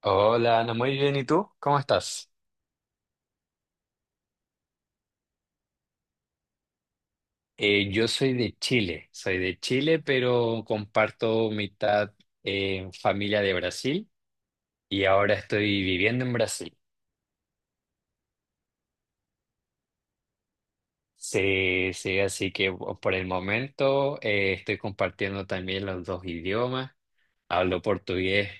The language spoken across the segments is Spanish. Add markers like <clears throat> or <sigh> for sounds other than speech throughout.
Hola, Ana, muy bien. ¿Y tú? ¿Cómo estás? Yo soy de Chile, pero comparto mitad familia de Brasil y ahora estoy viviendo en Brasil. Sí, sí, así que por el momento estoy compartiendo también los dos idiomas. Hablo portugués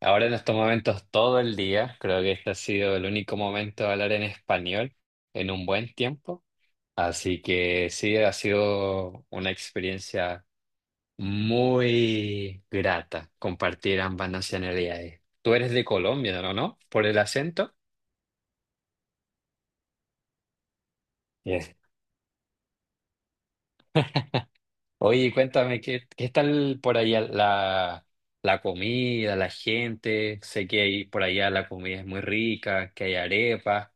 ahora, en estos momentos, todo el día. Creo que este ha sido el único momento de hablar en español en un buen tiempo. Así que sí, ha sido una experiencia muy grata compartir ambas nacionalidades. Tú eres de Colombia, ¿no? ¿No? ¿Por el acento? Yes. Oye, cuéntame, ¿qué, qué tal por allá la, la comida, la gente? Sé que ahí, por allá la comida es muy rica, que hay arepas.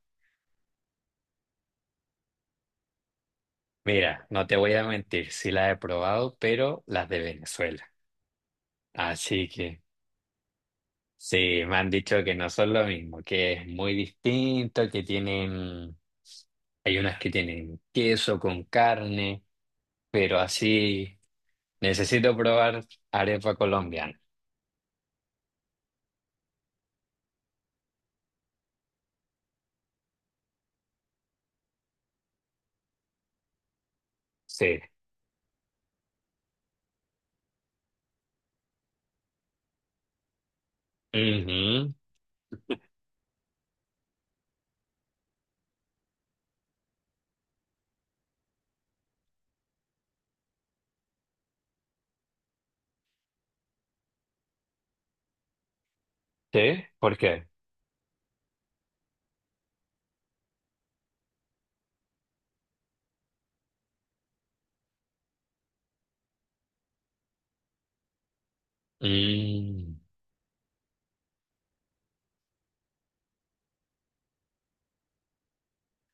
Mira, no te voy a mentir, sí las he probado, pero las de Venezuela. Así que... sí, me han dicho que no son lo mismo, que es muy distinto, que tienen, hay unas que tienen queso con carne, pero así necesito probar arepa colombiana. Sí. Ujú. ¿Sí? ¿Por qué? Mm.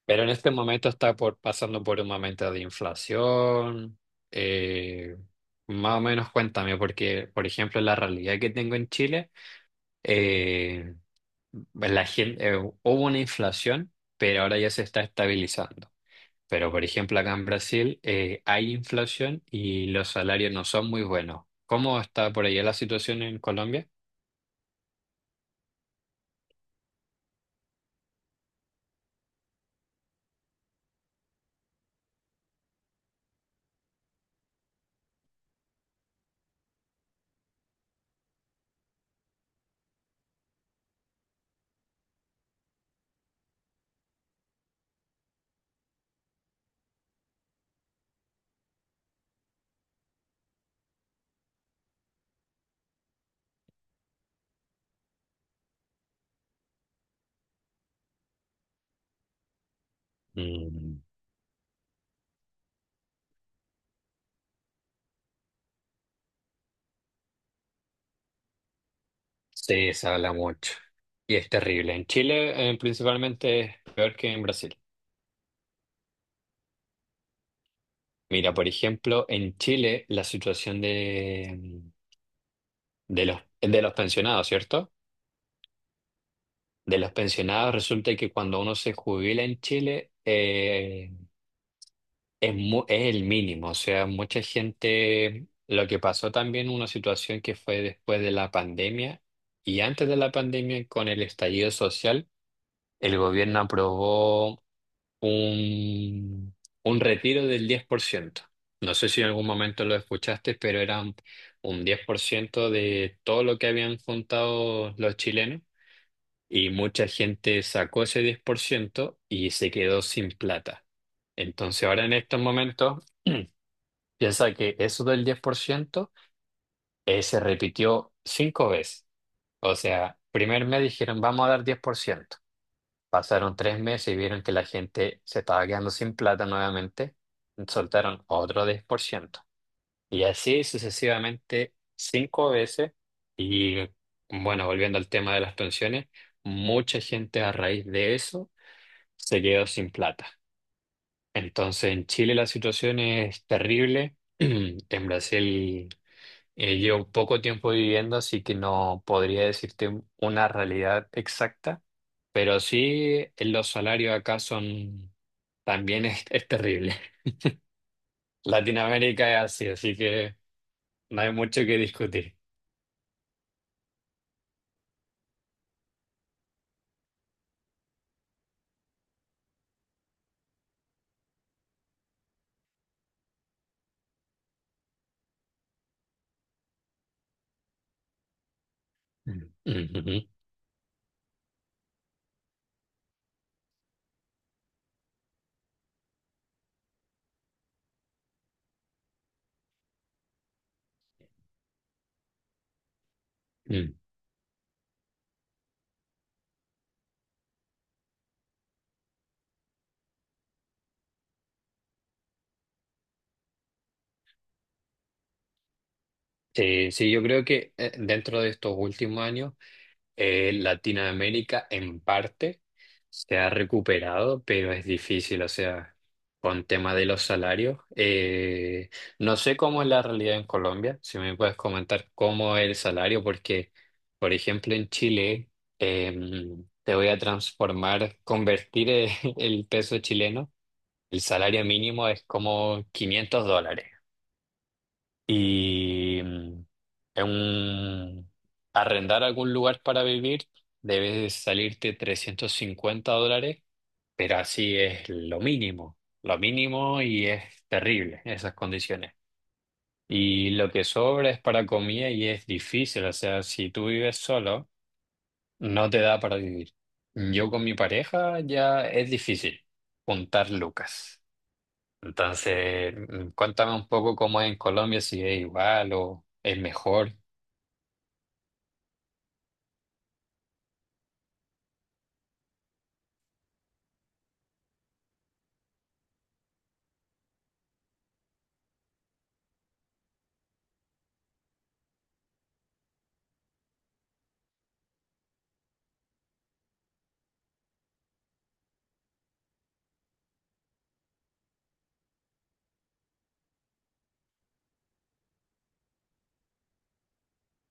Pero en este momento está por, pasando por un momento de inflación. eh, Más o menos cuéntame, porque, por ejemplo, la realidad que tengo en Chile. Eh, la gente, hubo una inflación, pero ahora ya se está estabilizando. Pero, por ejemplo, acá en Brasil hay inflación y los salarios no son muy buenos. ¿Cómo está por allá la situación en Colombia? Mm, sí, se habla mucho y es terrible. En Chile, principalmente, es peor que en Brasil. Mira, por ejemplo, en Chile la situación de, de los pensionados, ¿cierto? De los pensionados resulta que cuando uno se jubila en Chile es el mínimo, o sea, mucha gente, lo que pasó también, una situación que fue después de la pandemia y antes de la pandemia con el estallido social, el gobierno aprobó un, un retiro del diez por ciento. No sé si en algún momento lo escuchaste, pero era un 10% de todo lo que habían juntado los chilenos y mucha gente sacó ese 10% y se quedó sin plata. Entonces ahora en estos momentos, <clears throat> piensa que eso del 10% se repitió cinco veces. O sea, primer mes dijeron, vamos a dar diez por ciento. Pasaron tres meses y vieron que la gente se estaba quedando sin plata nuevamente. Soltaron otro diez por ciento. Y así sucesivamente, cinco veces. Y bueno, volviendo al tema de las pensiones, mucha gente a raíz de eso se quedó sin plata. Entonces en Chile la situación es terrible. <clears throat> En Brasil llevo poco tiempo viviendo, así que no podría decirte una realidad exacta, pero sí los salarios acá son, también es terrible. <laughs> Latinoamérica es así, así que no hay mucho que discutir. Mm. Ujú. Mm. Sí, sí, yo creo que dentro de estos últimos años, Latinoamérica en parte se ha recuperado, pero es difícil, o sea, con tema de los salarios. No sé cómo es la realidad en Colombia, si me puedes comentar cómo es el salario, porque, por ejemplo, en Chile, te voy a transformar, convertir el <laughs> el peso chileno, el salario mínimo es como $500. Y en un- arrendar algún lugar para vivir debe salirte $350, pero así es lo mínimo, lo mínimo, y es terrible esas condiciones. Y lo que sobra es para comida y es difícil, o sea, si tú vives solo, no te da para vivir. Yo con mi pareja ya es difícil juntar lucas. Entonces, cuéntame un poco cómo es en Colombia, si es igual o es mejor.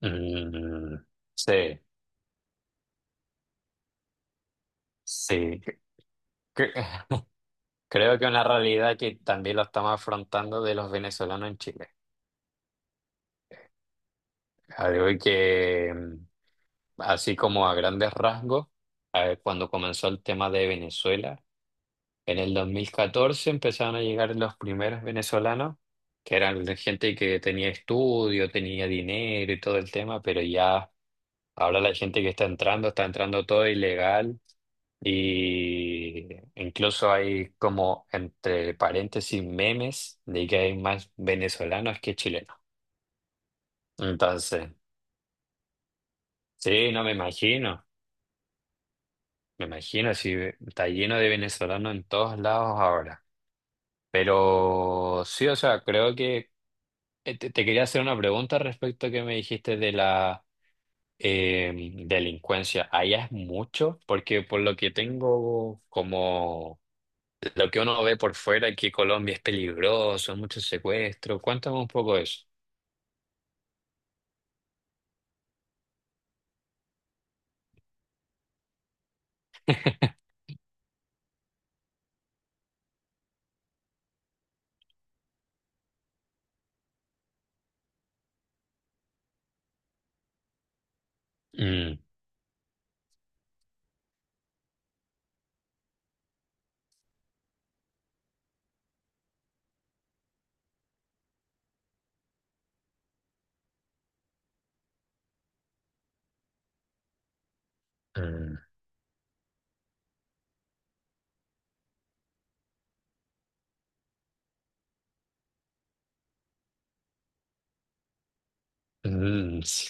Mm, sí, sí. Cre- <laughs> Creo que una realidad que también lo estamos afrontando, de los venezolanos en Chile. Algo que, así como a grandes rasgos, a ver, cuando comenzó el tema de Venezuela, en el 2014 empezaron a llegar los primeros venezolanos, que eran de gente que tenía estudio, tenía dinero y todo el tema, pero ya. Ahora la gente que está entrando todo ilegal, y incluso hay, como entre paréntesis, memes de que hay más venezolanos que chilenos. Entonces, sí, no me imagino, me imagino si está lleno de venezolanos en todos lados ahora. Pero sí, o sea, creo que te quería hacer una pregunta respecto a que me dijiste de la eh, delincuencia. ¿Allá es mucho? Porque por lo que tengo como, lo que uno ve por fuera, es que Colombia es peligroso, mucho secuestro. Cuéntame un poco de eso. Mm, mm, mm, sí.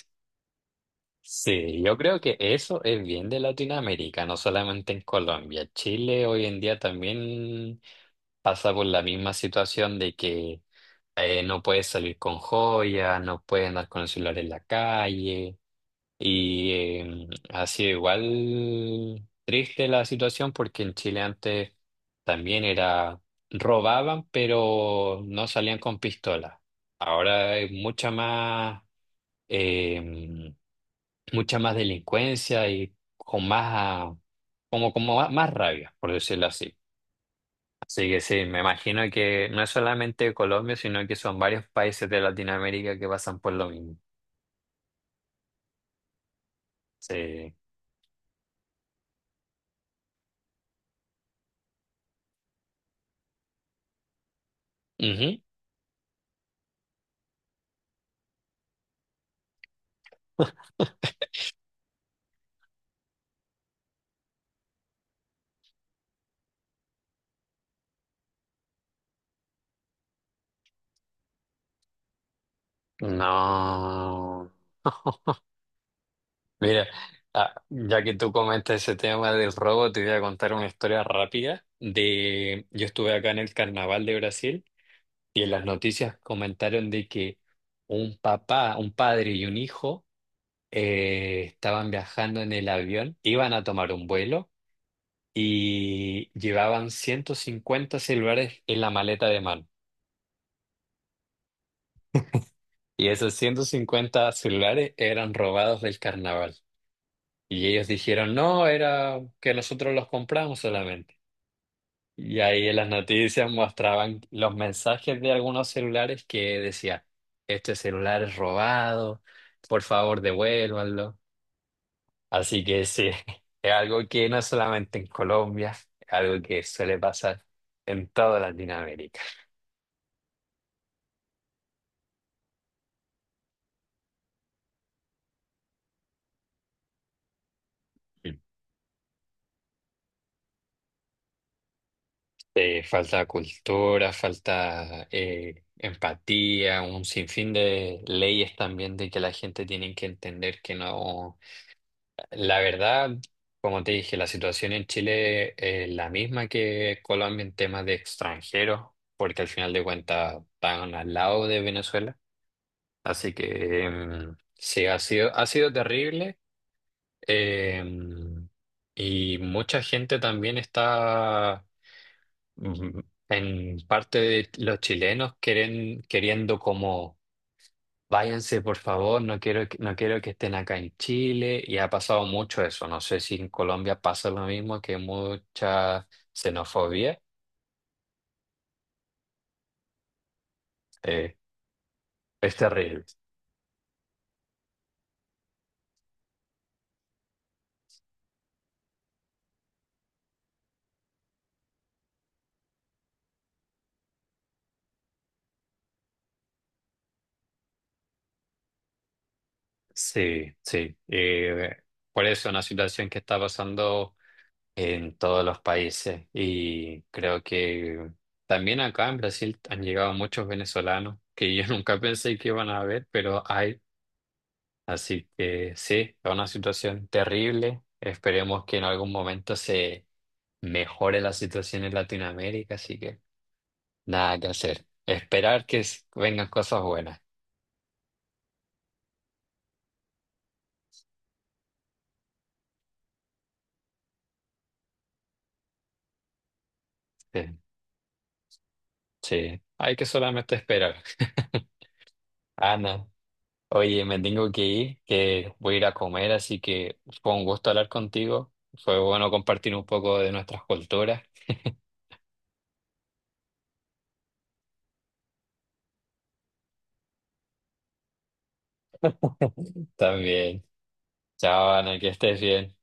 Sí, yo creo que eso es bien de Latinoamérica, no solamente en Colombia. Chile hoy en día también pasa por la misma situación, de que no puedes salir con joyas, no puedes andar con el celular en la calle. Y ha sido igual triste la situación, porque en Chile antes también era, robaban, pero no salían con pistola. Ahora hay eh, mucha más delincuencia y con más, como, como más más rabia, por decirlo así. Así que sí, me imagino que no es solamente Colombia, sino que son varios países de Latinoamérica que pasan por lo mismo. Sí. Ujú. No. <laughs> Mira, ya que tú comentas ese tema del robo, te voy a contar una historia rápida. De yo estuve acá en el Carnaval de Brasil y en las noticias comentaron de que un papá, un padre y un hijo estaban viajando en el avión, iban a tomar un vuelo y llevaban 150 celulares en la maleta de mano. Y esos 150 celulares eran robados del Carnaval. Y ellos dijeron, no, era que nosotros los compramos solamente. Y ahí en las noticias mostraban los mensajes de algunos celulares que decía, este celular es robado, por favor devuélvanlo. Así que sí, <laughs> es algo que no es solamente en Colombia, es algo que suele pasar en toda Latinoamérica. Mm. Falta cultura, falta empatía, un sinfín de leyes también, de que la gente tiene que entender que no. La verdad, como te dije, la situación en Chile es la misma que Colombia en temas de extranjeros, porque al final de cuentas están al lado de Venezuela. Así que sí, ha sido terrible. em, y mucha gente también está, mm, en parte de los chilenos, queren queriendo como, váyanse, por favor, no quiero que, no quiero que estén acá en Chile. Y ha pasado mucho eso. No sé si en Colombia pasa lo mismo, que mucha xenofobia. Eh, es terrible. Sí, sí. Por eso es una situación que está pasando en todos los países, y creo que también acá en Brasil han llegado muchos venezolanos que yo <laughs> nunca pensé que iban a haber, pero hay. Así que sí, es una situación terrible. Esperemos que en algún momento se mejore la situación en Latinoamérica, así que nada que hacer. Esperar que vengan cosas buenas. Sí, sí, hay que solamente esperar. <laughs> Ana, oye, me tengo que ir, que voy a ir a comer, así que fue un gusto hablar contigo. Fue bueno compartir un poco de nuestras culturas <laughs> también. Chao, Ana, que estés bien.